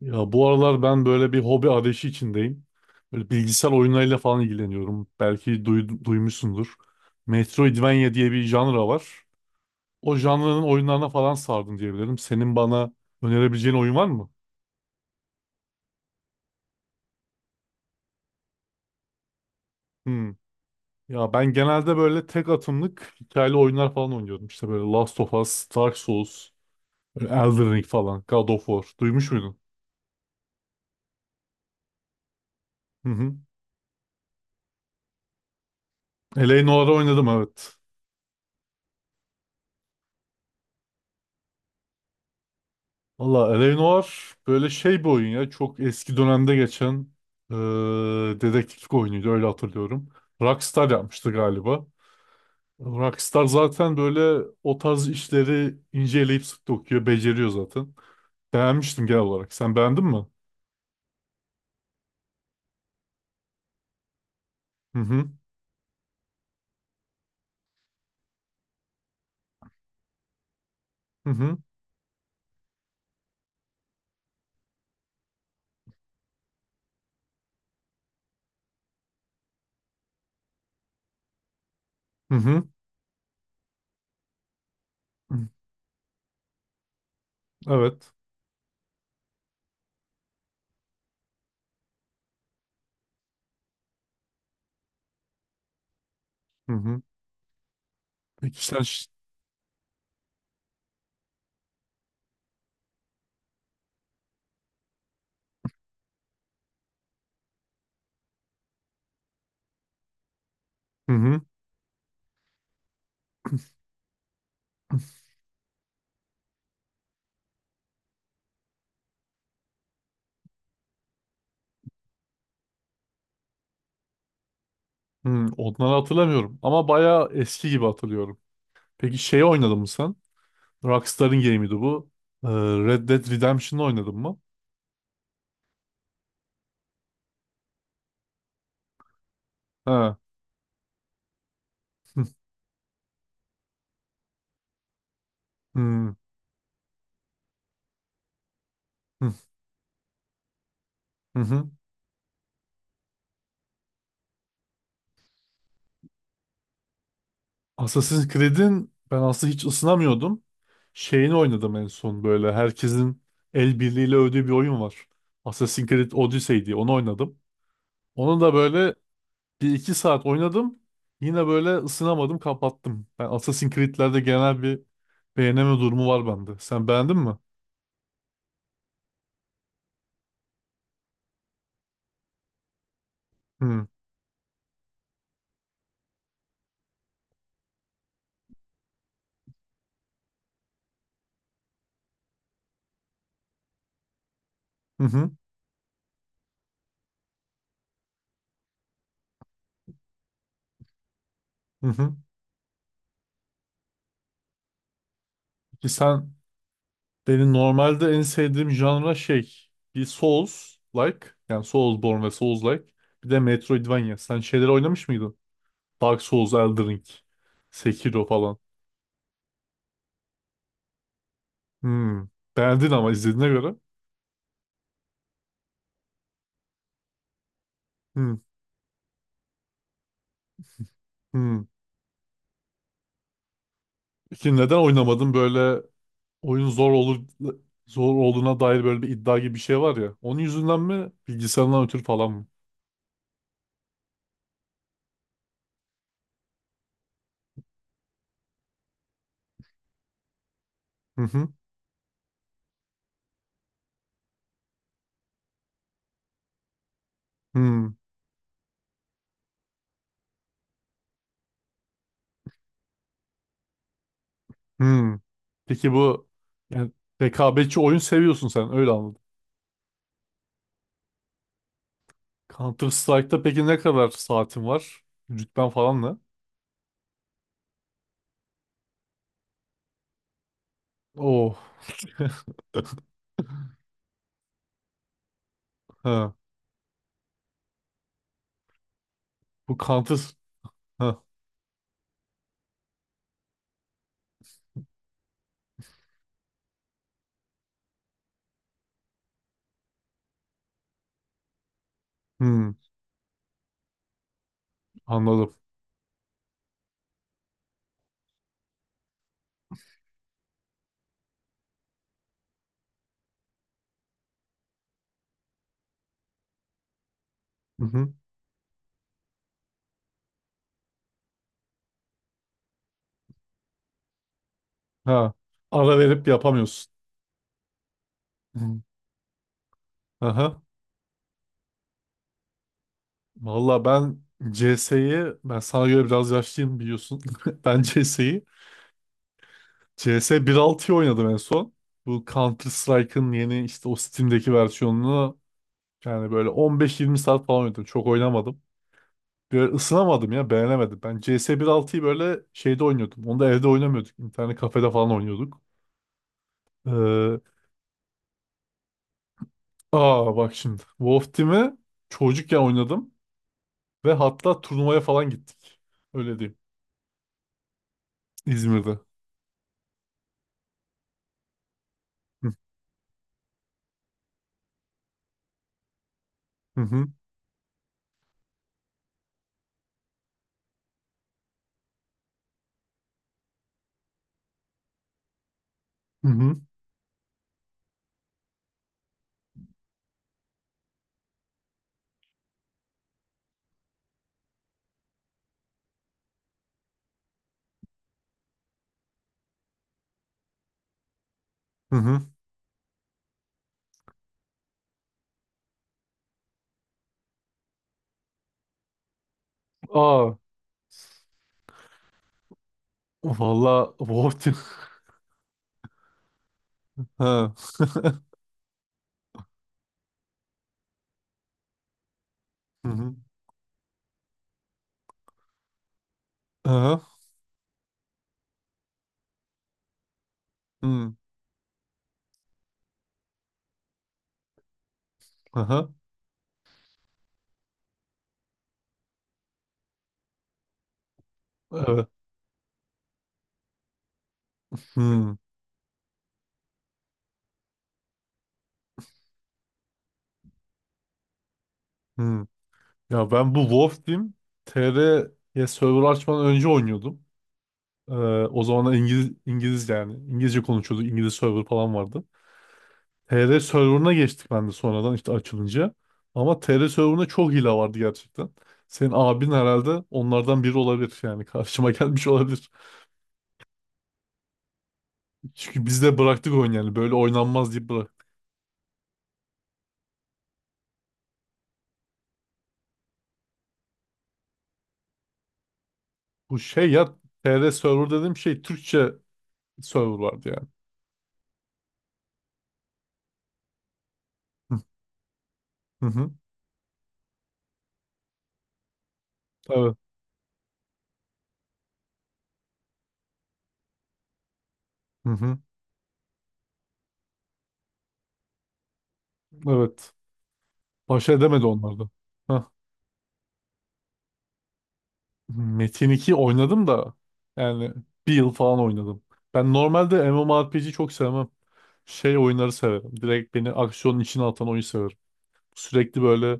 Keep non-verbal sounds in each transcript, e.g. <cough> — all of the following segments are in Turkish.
Ya bu aralar ben böyle bir hobi arayışı içindeyim. Böyle bilgisayar oyunlarıyla falan ilgileniyorum. Belki duymuşsundur. Metroidvania diye bir janra var. O janranın oyunlarına falan sardım diyebilirim. Senin bana önerebileceğin oyun var mı? Hmm. Ya ben genelde böyle tek atımlık hikayeli oyunlar falan oynuyorum. İşte böyle Last of Us, Dark Souls, böyle Elden Ring falan, God of War. Duymuş muydun? Hı hı. Eleanor'u oynadım, evet. Valla L.A. Noir böyle şey bir oyun ya. Çok eski dönemde geçen eee dedektiflik oyunuydu, öyle hatırlıyorum. Rockstar yapmıştı galiba. Rockstar zaten böyle o tarz işleri inceleyip sık dokuyor, beceriyor zaten. Beğenmiştim genel olarak. Sen beğendin mi? Hı hı, hı hı, hı hı. Hı. Evet. Hı hı. Peki sen... Hı hı, hı. Onları hatırlamıyorum. Ama bayağı eski gibi hatırlıyorum. Peki şeyi oynadın mı sen? Rockstar'ın game'iydi bu. Ee, Red Dead Redemption'ı oynadın mı? Ha. Hı hı hı hı. Hı. Assassin's Creed'in ben aslında hiç ısınamıyordum. Şeyini oynadım en son böyle. Herkesin el birliğiyle övdüğü bir oyun var. Assassin's Creed Odyssey diye onu oynadım. Onu da böyle bir iki saat oynadım. Yine böyle ısınamadım, kapattım. Ben Assassin's Creed'lerde genel bir beğeneme durumu var bende. Sen beğendin mi? Hı hı hı. Hı. Hı. Peki sen. Benim normalde en sevdiğim janra şey, bir Souls-like, yani Soulsborne ve Souls-like, bir de Metroidvania. Sen şeyleri oynamış mıydın? Dark Souls, Elden Ring, Sekiro falan. Hmm. Beğendin ama izlediğine göre. Hmm. Hmm. Peki neden oynamadın? Böyle oyun zor olur, zor olduğuna dair böyle bir iddia gibi bir şey var ya. Onun yüzünden mi, bilgisayarından ötürü falan mı? Hı hı. Hmm. Hmm. Peki bu, yani rekabetçi oyun seviyorsun sen, öyle anladım. Counter Strike'da peki ne kadar saatin var? Rütben falan ne? Oh. <laughs> Ha. Bu Counter... Ha. Hmm. Anladım. Hı hı. Ha. Ara verip yapamıyorsun. Hı. Aha. Valla ben CS'yi ben sana göre biraz yaşlıyım, biliyorsun. <laughs> Ben CS'yi CS 1.6'yı oynadım en son. Bu Counter Strike'ın yeni, işte o Steam'deki versiyonunu, yani böyle 15-20 saat falan oynadım. Çok oynamadım. Böyle ısınamadım ya, beğenemedim. Ben CS 1.6'yı böyle şeyde oynuyordum. Onu da evde oynamıyorduk. İnternet kafede falan oynuyorduk. Ee, aa bak şimdi. Wolf Team'i çocukken oynadım. Ve hatta turnuvaya falan gittik. Öyle diyeyim. İzmir'de. Hı hı hı hı. Hı hı. Aa, valla, Wolf Team. <laughs> Ha. Hı hı. Aha. Hı. Aha. Evet. Hı. Hı. Ya ben bu Wolf Team TR'ye server açmadan önce oynuyordum. Ee, o zamanlar İngiliz, yani İngilizce konuşuyorduk. İngiliz server falan vardı. TR server'ına geçtik ben de sonradan, işte açılınca. Ama TR server'ına çok hile vardı gerçekten. Senin abin herhalde onlardan biri olabilir, yani karşıma <laughs> gelmiş olabilir. Çünkü biz de bıraktık oyun, yani böyle oynanmaz deyip bıraktık. Bu şey ya, TR server dediğim şey, Türkçe server vardı yani. Hı hı. Hı. Evet. Hı hı. Evet. Baş edemedi onlarda. Metin 2 oynadım da, yani bir yıl falan oynadım. Ben normalde MMORPG çok sevmem. Şey oyunları severim. Direkt beni aksiyonun içine atan oyun severim. Sürekli böyle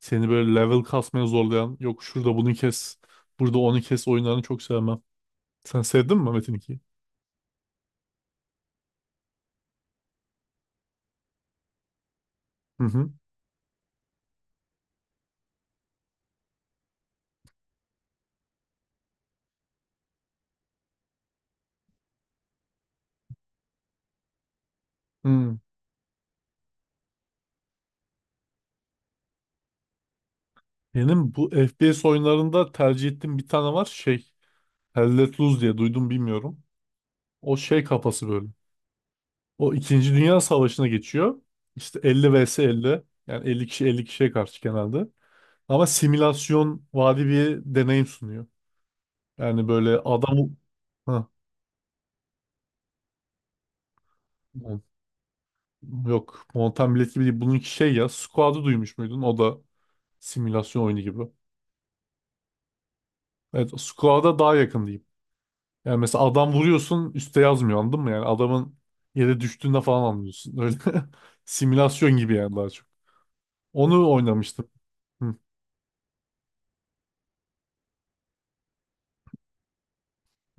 seni böyle level kasmaya zorlayan, yok şurada bunu kes, burada onu kes oyunlarını çok sevmem. Sen sevdin mi Metin 2'yi? Hı hı. Hı. Benim bu FPS oyunlarında tercih ettiğim bir tane var, şey Hell Let Loose diye, duydum bilmiyorum. O şey kafası böyle. O İkinci Dünya Savaşı'na geçiyor. İşte 50 vs 50. Yani 50 kişi 50 kişiye karşı genelde. Ama simülasyon vari bir deneyim sunuyor. Yani böyle adam... Ha, Mon- yok. Mountain Blade gibi değil. Bununki şey ya. Squad'ı duymuş muydun? O da simülasyon oyunu gibi. Evet. Squad'a daha yakın diyeyim. Yani mesela adam vuruyorsun, üstte yazmıyor anladın mı? Yani adamın yere düştüğünde falan anlıyorsun. Öyle <laughs> simülasyon gibi yani daha çok. Onu oynamıştım. Hı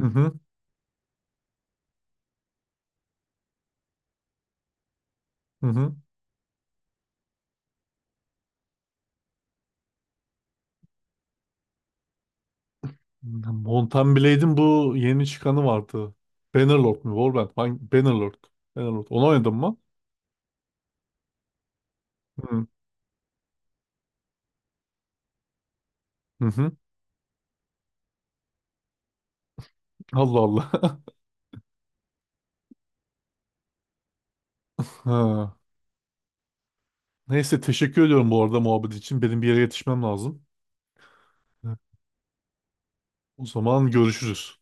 hı hı. Hı. Mountain Blade'in bu yeni çıkanı vardı. Bannerlord mu? Warband. Hangi? Bannerlord. Bannerlord. Onu oynadın mı? Hı. Hı hı. Allah Allah. <laughs> Ha. Neyse, teşekkür ediyorum bu arada muhabbet için. Benim bir yere yetişmem lazım. Evet. O zaman görüşürüz.